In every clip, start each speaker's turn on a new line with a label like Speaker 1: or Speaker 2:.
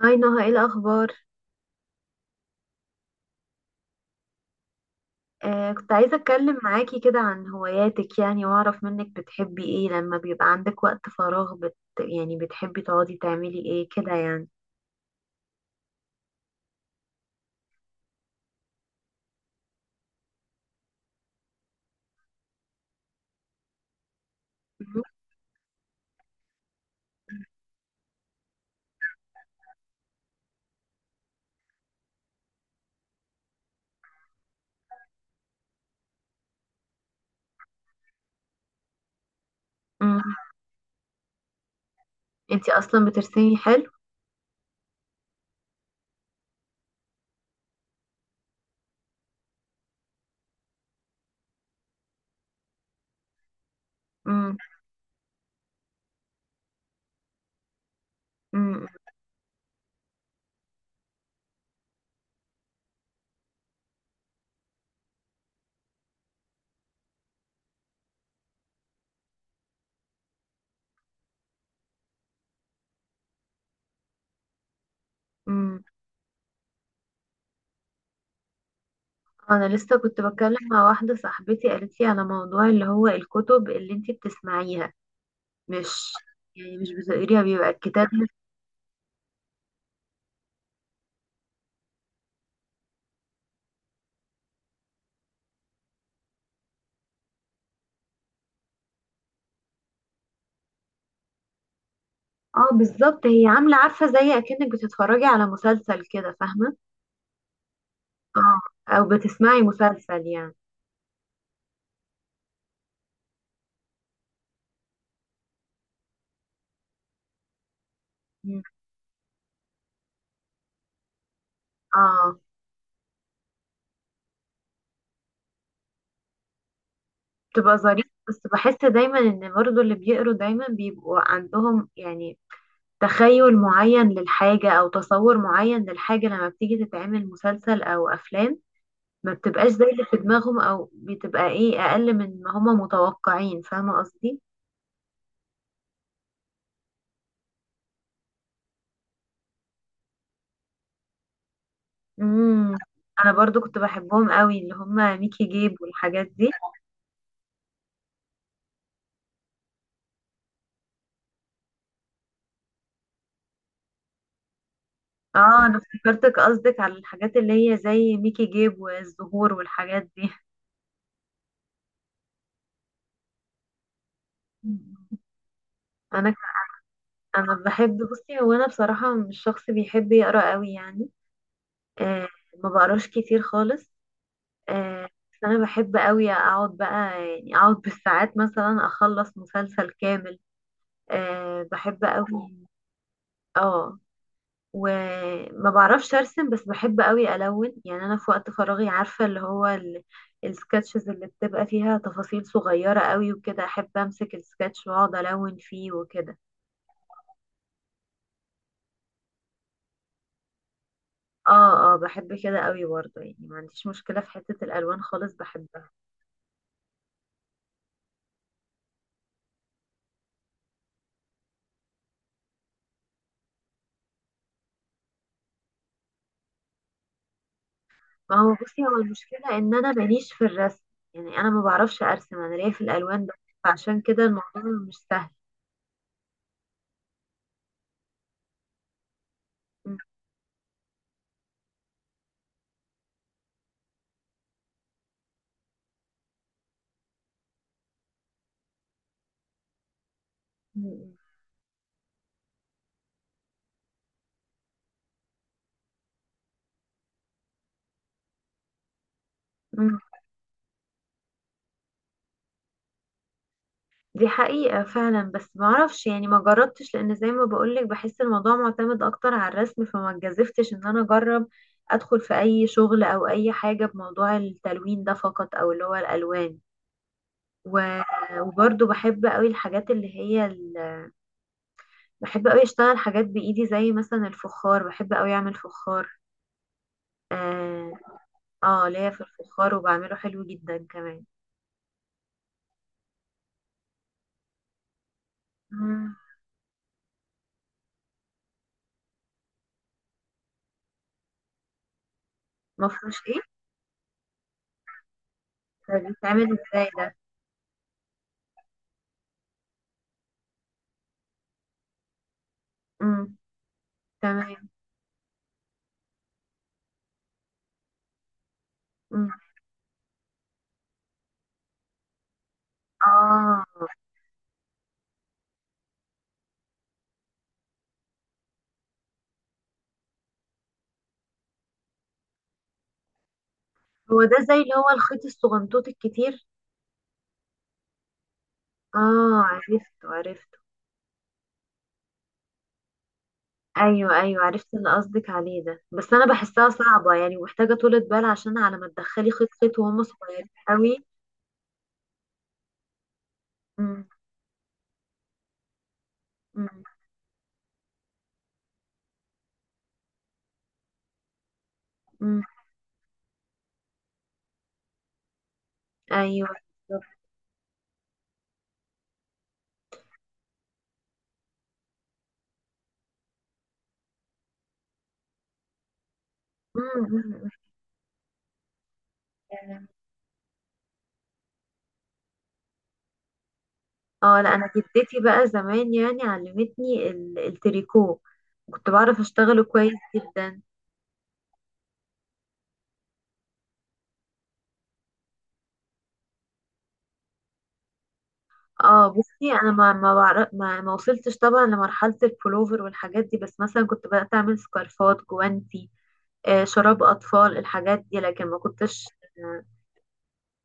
Speaker 1: هاي نهى ايه الاخبار؟ آه كنت عايزه اتكلم معاكي كده عن هواياتك, يعني واعرف منك بتحبي ايه لما بيبقى عندك وقت فراغ, يعني بتحبي تقعدي تعملي ايه كده يعني. مهم. امم انتي اصلا بترسمي حلو. امم امم امم انا لسه كنت بتكلم مع واحده صاحبتي قالت لي على موضوع اللي هو الكتب اللي انتي بتسمعيها. مش يعني مش بتقريها بيبقى الكتاب. اه بالظبط, هي عامله عارفه زي اكنك بتتفرجي على مسلسل كده, فاهمه؟ اه, او بتسمعي مسلسل يعني. مم. اه بتبقى ظريفة, بس بحس دايما ان برضو اللي بيقروا دايما بيبقوا عندهم يعني تخيل معين للحاجة او تصور معين للحاجة. لما بتيجي تتعمل مسلسل او افلام ما بتبقاش زي اللي في دماغهم او بتبقى ايه اقل من ما هما متوقعين, فاهمة قصدي؟ امم, انا برضو كنت بحبهم قوي اللي هما ميكي جيب والحاجات دي. اه انا افتكرتك قصدك على الحاجات اللي هي زي ميكي جيب والزهور والحاجات دي. انا انا بحب, بصي هو انا بصراحه مش شخص بيحب يقرا قوي يعني. آه, ما بقراش كتير خالص. آه بس انا بحب قوي اقعد بقى, يعني اقعد بالساعات مثلا اخلص مسلسل كامل. آه بحب قوي. اه وما بعرفش ارسم, بس بحب قوي الون. يعني انا في وقت فراغي, عارفه اللي هو السكتشز اللي بتبقى فيها تفاصيل صغيره قوي وكده, احب امسك السكتش واقعد الون فيه وكده. اه اه بحب كده قوي برضه, يعني ما عنديش مشكلة في حتة الألوان خالص, بحبها. ما هو بصي, هو المشكلة ان انا ماليش في الرسم, يعني انا ما بعرفش ارسم, انا ليا في الألوان بس, فعشان كده الموضوع مش سهل. م- م- م-. دي حقيقة فعلا, بس ما اعرفش, يعني ما جربتش, لان زي ما بقولك بحس الموضوع معتمد اكتر على الرسم, فما اتجذفتش ان انا اجرب ادخل في اي شغل او اي حاجة بموضوع التلوين ده فقط, او اللي هو الألوان. و... وبرضه بحب قوي الحاجات اللي هي, بحب قوي اشتغل حاجات بايدي زي مثلا الفخار, بحب قوي اعمل فخار. اه, آه ليا في الفخار وبعمله حلو جدا كمان. مم. مفروش ايه؟ ده بيتعمل ازاي ده؟ مم. تمام. مم. اه هو ده زي اللي هو الخيط الصغنطوط الكتير؟ اه, عرفته عرفته. ايوه ايوه, عرفت اللي قصدك عليه ده, بس انا بحسها صعبة يعني ومحتاجة طولة بال, عشان على ما تدخلي خيط خيط وهم صغيرين قوي. مم. مم. مم. ايوه. بالظبط. مم. مم. اه لا, انا جدتي بقى زمان يعني علمتني التريكو, كنت بعرف اشتغله كويس جدا. اه بصي انا ما ما, بعرف ما, ما وصلتش طبعا لمرحله البولوفر والحاجات دي, بس مثلا كنت بدات اعمل سكارفات, جوانتي, آه شراب اطفال, الحاجات دي, لكن ما كنتش.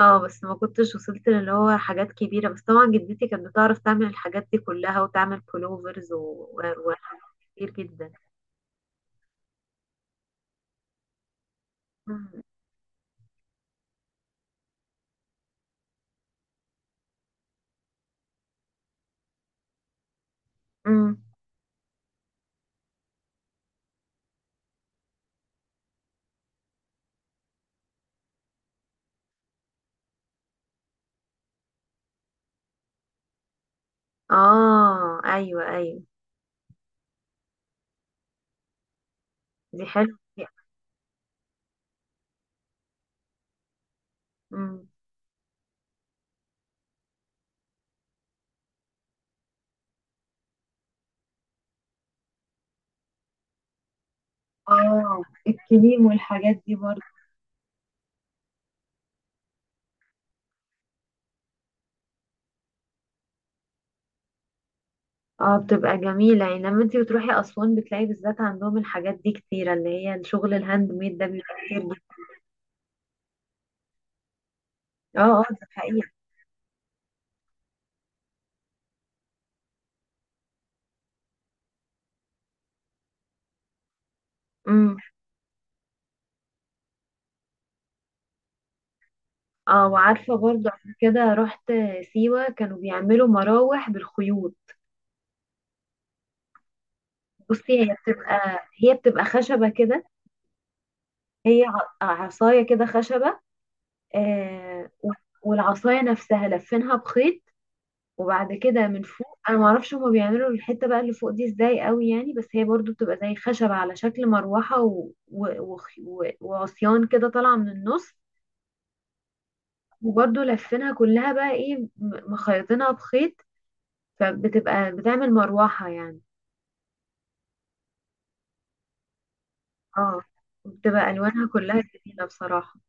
Speaker 1: اه بس ما كنتش وصلت اللي هو حاجات كبيره, بس طبعا جدتي كانت بتعرف تعمل الحاجات دي كلها وتعمل بولوفرز وحاجات كتير جدا. مم. مم. اه ايوه ايوه. دي حلوه. اه الكليم والحاجات دي برضه. اه بتبقى جميلة يعني لما انتي بتروحي أسوان بتلاقي بالذات عندهم الحاجات دي كتيرة, اللي هي الشغل الهاند ميد ده بيبقى كتير جدا. اه اه ده حقيقي. امم. اه وعارفة برضه قبل كده رحت سيوة كانوا بيعملوا مراوح بالخيوط. بصي هي بتبقى, هي بتبقى خشبة كده, هي عصاية كده خشبة. آه, والعصاية نفسها لفينها بخيط, وبعد كده من فوق انا معرفش هما بيعملوا الحته بقى اللي فوق دي ازاي قوي يعني, بس هي برضو بتبقى زي خشب على شكل مروحه وعصيان كده طالعه من النص, وبرضو لفينها كلها بقى ايه, مخيطينها بخيط, فبتبقى بتعمل مروحه يعني. اه بتبقى الوانها كلها جميله بصراحه.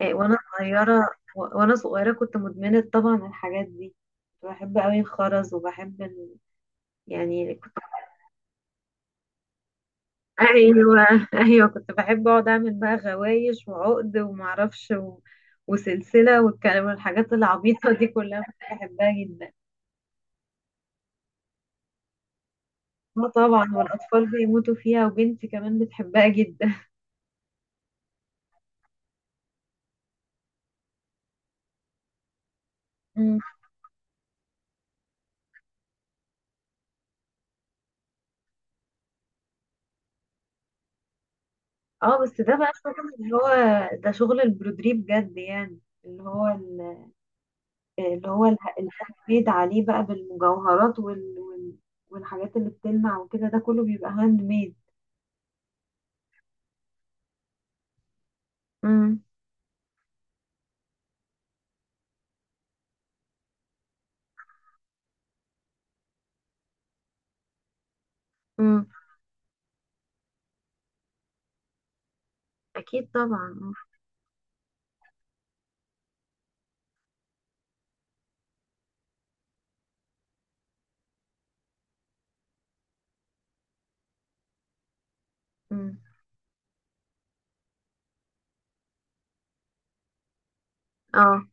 Speaker 1: إيه وانا صغيره, وانا صغيره كنت مدمنه طبعا الحاجات دي, كنت بحب قوي الخرز وبحب يعني كنت. ايوه ايوه كنت بحب اقعد اعمل بقى غوايش وعقد ومعرفش وسلسله والكلام والحاجات العبيطه دي كلها, كنت بحبها جدا. اه طبعا, والاطفال بيموتوا فيها, وبنتي كمان بتحبها جدا. مم. اه بس ده بقى شغل اللي هو, ده شغل البرودري بجد يعني, اللي هو اللي هو اله- الهاند ميد عليه بقى بالمجوهرات والحاجات اللي بتلمع وكده, ده كله بيبقى هاند ميد. امم. امم. اكيد طبعا. امم. اه.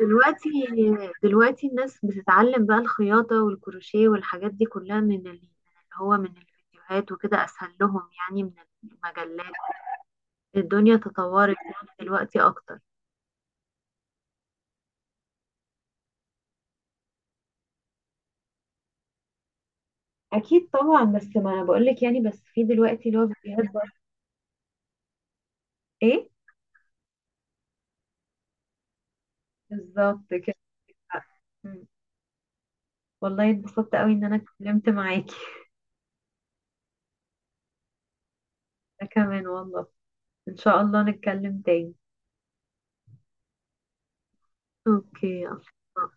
Speaker 1: دلوقتي دلوقتي الناس بتتعلم بقى الخياطة والكروشيه والحاجات دي كلها من من اللي هو من الفيديوهات, وكده أسهل لهم يعني من المجلات. الدنيا تطورت يعني دلوقتي أكتر. اكيد طبعا, بس ما انا بقول لك يعني, بس في دلوقتي اللي هو فيديوهات برضه. إيه؟ بالظبط كده. مم. والله اتبسطت قوي ان انا اتكلمت معاكي. انا كمان والله, ان شاء الله نتكلم تاني. أوكي, يلا.